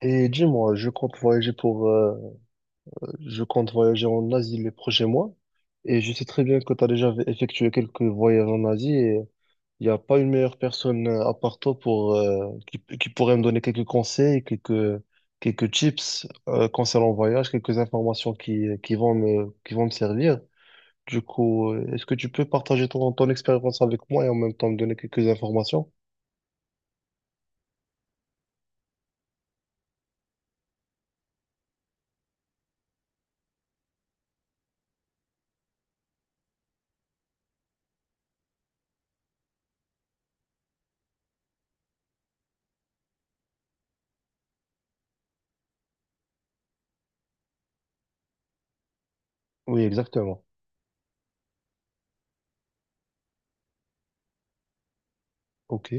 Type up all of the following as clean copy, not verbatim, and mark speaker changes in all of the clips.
Speaker 1: Et dis-moi, je compte voyager pour, je compte voyager en Asie les prochains mois. Et je sais très bien que tu as déjà effectué quelques voyages en Asie, et il n'y a pas une meilleure personne à part toi pour, qui pourrait me donner quelques conseils, quelques tips, concernant le voyage, quelques informations qui vont me servir. Du coup, est-ce que tu peux partager ton expérience avec moi et en même temps me donner quelques informations? Oui, exactement. Ok,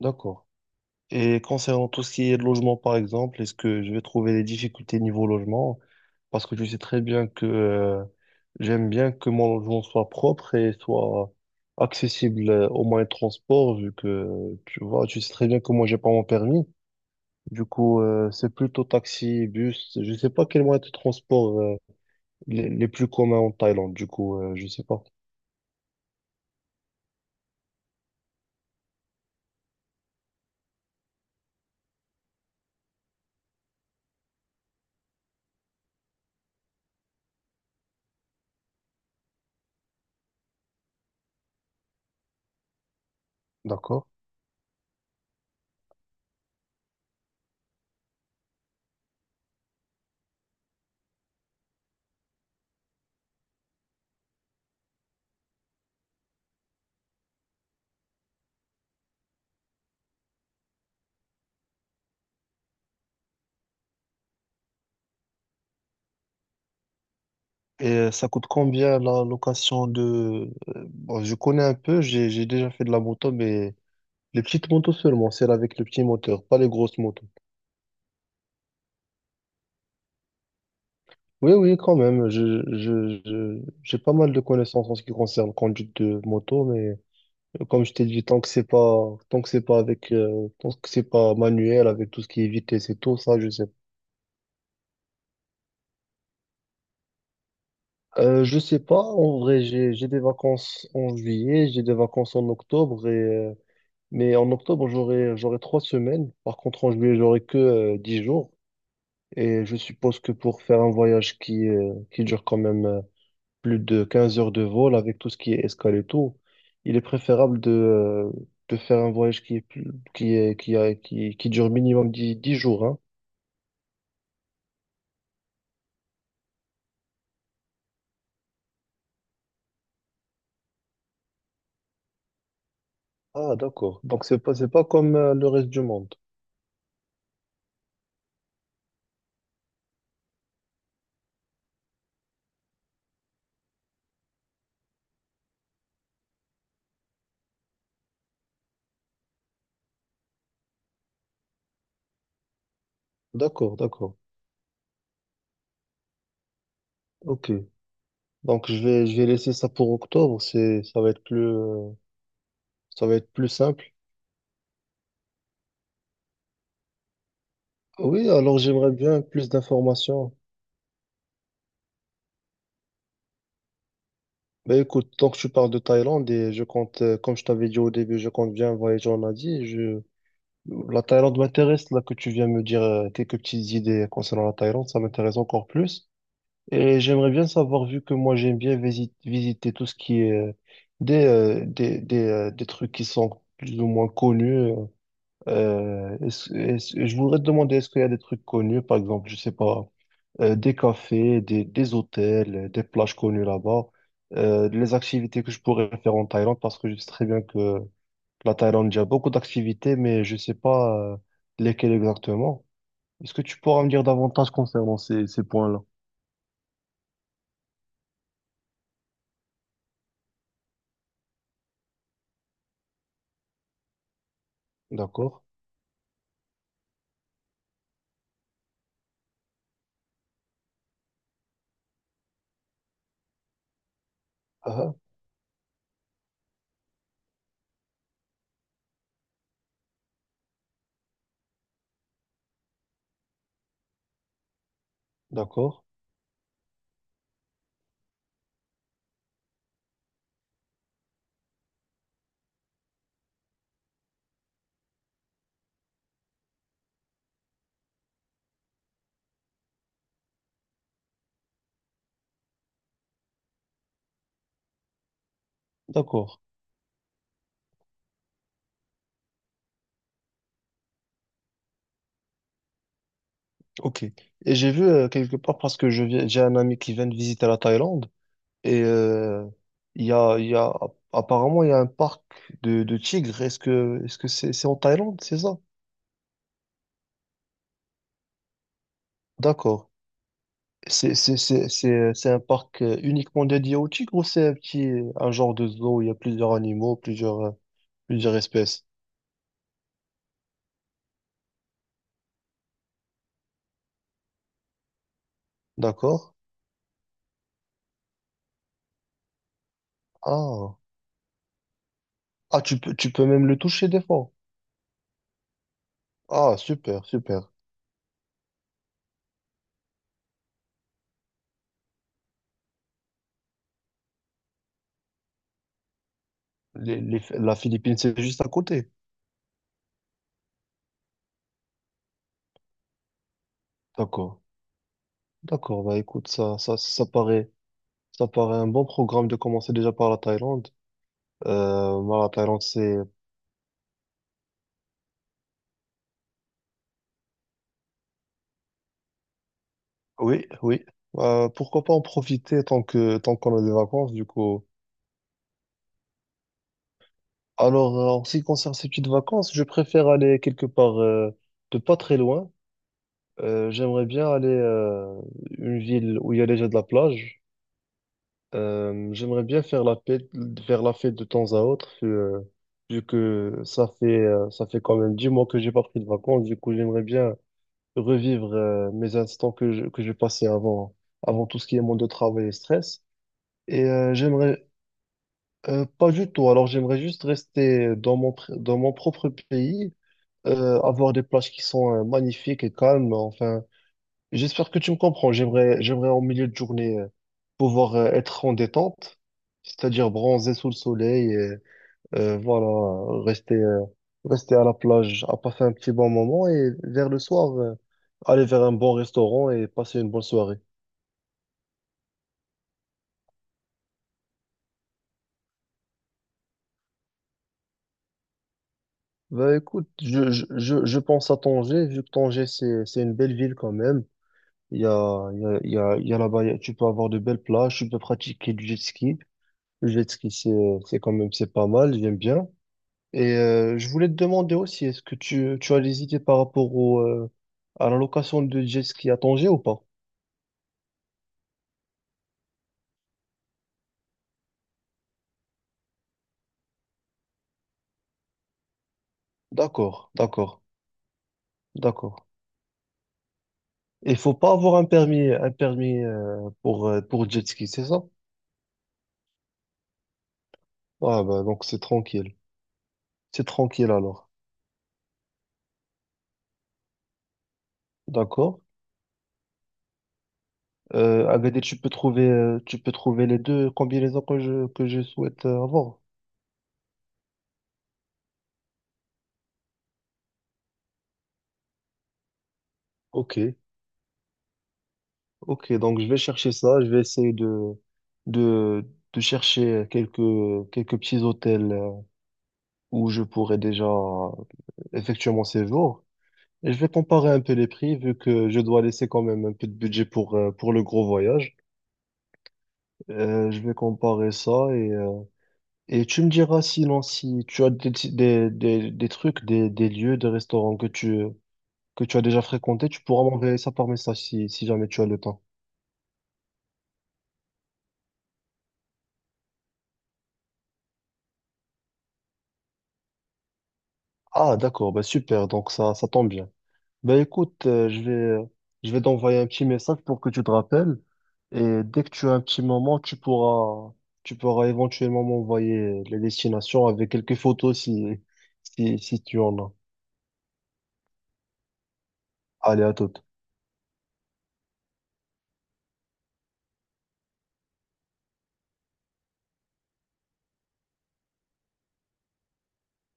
Speaker 1: d'accord. Et concernant tout ce qui est logement, par exemple, est-ce que je vais trouver des difficultés niveau logement? Parce que je sais très bien que j'aime bien que mon logement soit propre et soit accessible aux moyens de transport, vu que tu vois, tu sais très bien que moi, j'ai pas mon permis. Du coup, c'est plutôt taxi, bus. Je sais pas quels moyens de transport les plus communs en Thaïlande. Du coup, je sais pas. D'accord. Et ça coûte combien la location de... bon, je connais un peu, j'ai déjà fait de la moto, mais les petites motos seulement, celles avec le petit moteur, pas les grosses motos. Oui, oui, quand même. J'ai pas mal de connaissances en ce qui concerne la conduite de moto, mais comme je t'ai dit, tant que c'est pas, tant que c'est pas avec, tant que c'est pas manuel, avec tout ce qui est vitesse et tout, ça, je sais pas. Je sais pas. En vrai, j'ai des vacances en juillet, j'ai des vacances en octobre et, mais en octobre, j'aurai trois semaines. Par contre, en juillet, j'aurai que, 10 jours. Et je suppose que pour faire un voyage qui dure quand même plus de 15 heures de vol avec tout ce qui est escale et tout, il est préférable de faire un voyage qui est plus, qui dure minimum dix jours, hein. Ah, d'accord. Donc, c'est pas comme le reste du monde. D'accord, d'accord. Ok. Donc, je vais laisser ça pour octobre. C'est, ça va être plus, ça va être plus simple. Oui, alors j'aimerais bien plus d'informations. Ben écoute, tant que tu parles de Thaïlande, et je compte, comme je t'avais dit au début, je compte bien voyager en Asie. Je, la Thaïlande m'intéresse, là que tu viens me dire quelques petites idées concernant la Thaïlande, ça m'intéresse encore plus. Et j'aimerais bien savoir, vu que moi j'aime bien visiter tout ce qui est des trucs qui sont plus ou moins connus. Je voudrais te demander, est-ce qu'il y a des trucs connus, par exemple, je sais pas, des cafés, des hôtels, des plages connues là-bas, les activités que je pourrais faire en Thaïlande, parce que je sais très bien que la Thaïlande, il y a beaucoup d'activités, mais je sais pas lesquelles exactement. Est-ce que tu pourras me dire davantage concernant ces, ces points-là? D'accord. Ah, d'accord. D'accord. Ok. Et j'ai vu quelque part, parce que je viens, j'ai un ami qui vient de visiter la Thaïlande, et il y a, il y a, apparemment, il y a un parc de tigres. Est-ce que c'est en Thaïlande, c'est ça? D'accord. C'est un parc uniquement dédié aux tigres, ou c'est un petit, un genre de zoo où il y a plusieurs animaux, plusieurs. Plusieurs espèces. D'accord. Ah. Ah, tu peux même le toucher des fois. Ah, super, super. La Philippine, c'est juste à côté. D'accord. D'accord. Bah, écoute, ça paraît un bon programme de commencer déjà par la Thaïlande. Moi, la Thaïlande, c'est, oui, oui. Pourquoi pas en profiter tant que, tant qu'on a des vacances, du coup. Alors, en ce qui concerne ces petites vacances, je préfère aller quelque part, de pas très loin. J'aimerais bien aller, une ville où il y a déjà de la plage. J'aimerais bien faire la fête de temps à autre, vu, vu que ça fait quand même 10 mois que j'ai pas pris de vacances. Du coup, j'aimerais bien revivre, mes instants que je passais avant, avant tout ce qui est monde de travail et stress. Et, j'aimerais, pas du tout. Alors, j'aimerais juste rester dans mon, dans mon propre pays, avoir des plages qui sont, magnifiques et calmes. Enfin, j'espère que tu me comprends. J'aimerais, j'aimerais en milieu de journée pouvoir être en détente, c'est-à-dire bronzer sous le soleil et voilà, rester, rester à la plage, à passer un petit bon moment, et vers le soir, aller vers un bon restaurant et passer une bonne soirée. Bah écoute, je, je pense à Tanger, vu que Tanger c'est une belle ville quand même. Il y a, il y a, il y a, il y a là-bas, tu peux avoir de belles plages, tu peux pratiquer du jet ski. Le jet ski c'est quand même, c'est pas mal, j'aime bien. Et je voulais te demander aussi, est-ce que tu as des idées par rapport au, à la location de jet ski à Tanger ou pas? D'accord, d'accord, d'accord. Il faut pas avoir un permis pour jet ski, c'est ça? Ah bah donc c'est tranquille. C'est tranquille alors. D'accord. Agadir, tu peux trouver les deux combinaisons que je souhaite avoir. Ok, ok. Donc je vais chercher ça. Je vais essayer de, de chercher quelques, quelques petits hôtels où je pourrais déjà effectuer mon séjour. Et je vais comparer un peu les prix, vu que je dois laisser quand même un peu de budget pour le gros voyage. Je vais comparer ça et tu me diras sinon si tu as des trucs, des lieux, des restaurants que tu as déjà fréquentés, tu pourras m'envoyer ça par message si, si jamais tu as le temps. Ah, d'accord, bah super, donc ça tombe bien. Ben écoute, je vais t'envoyer un petit message pour que tu te rappelles. Et dès que tu as un petit moment, tu pourras éventuellement m'envoyer les destinations avec quelques photos si, si, si tu en as. Allez, à toute.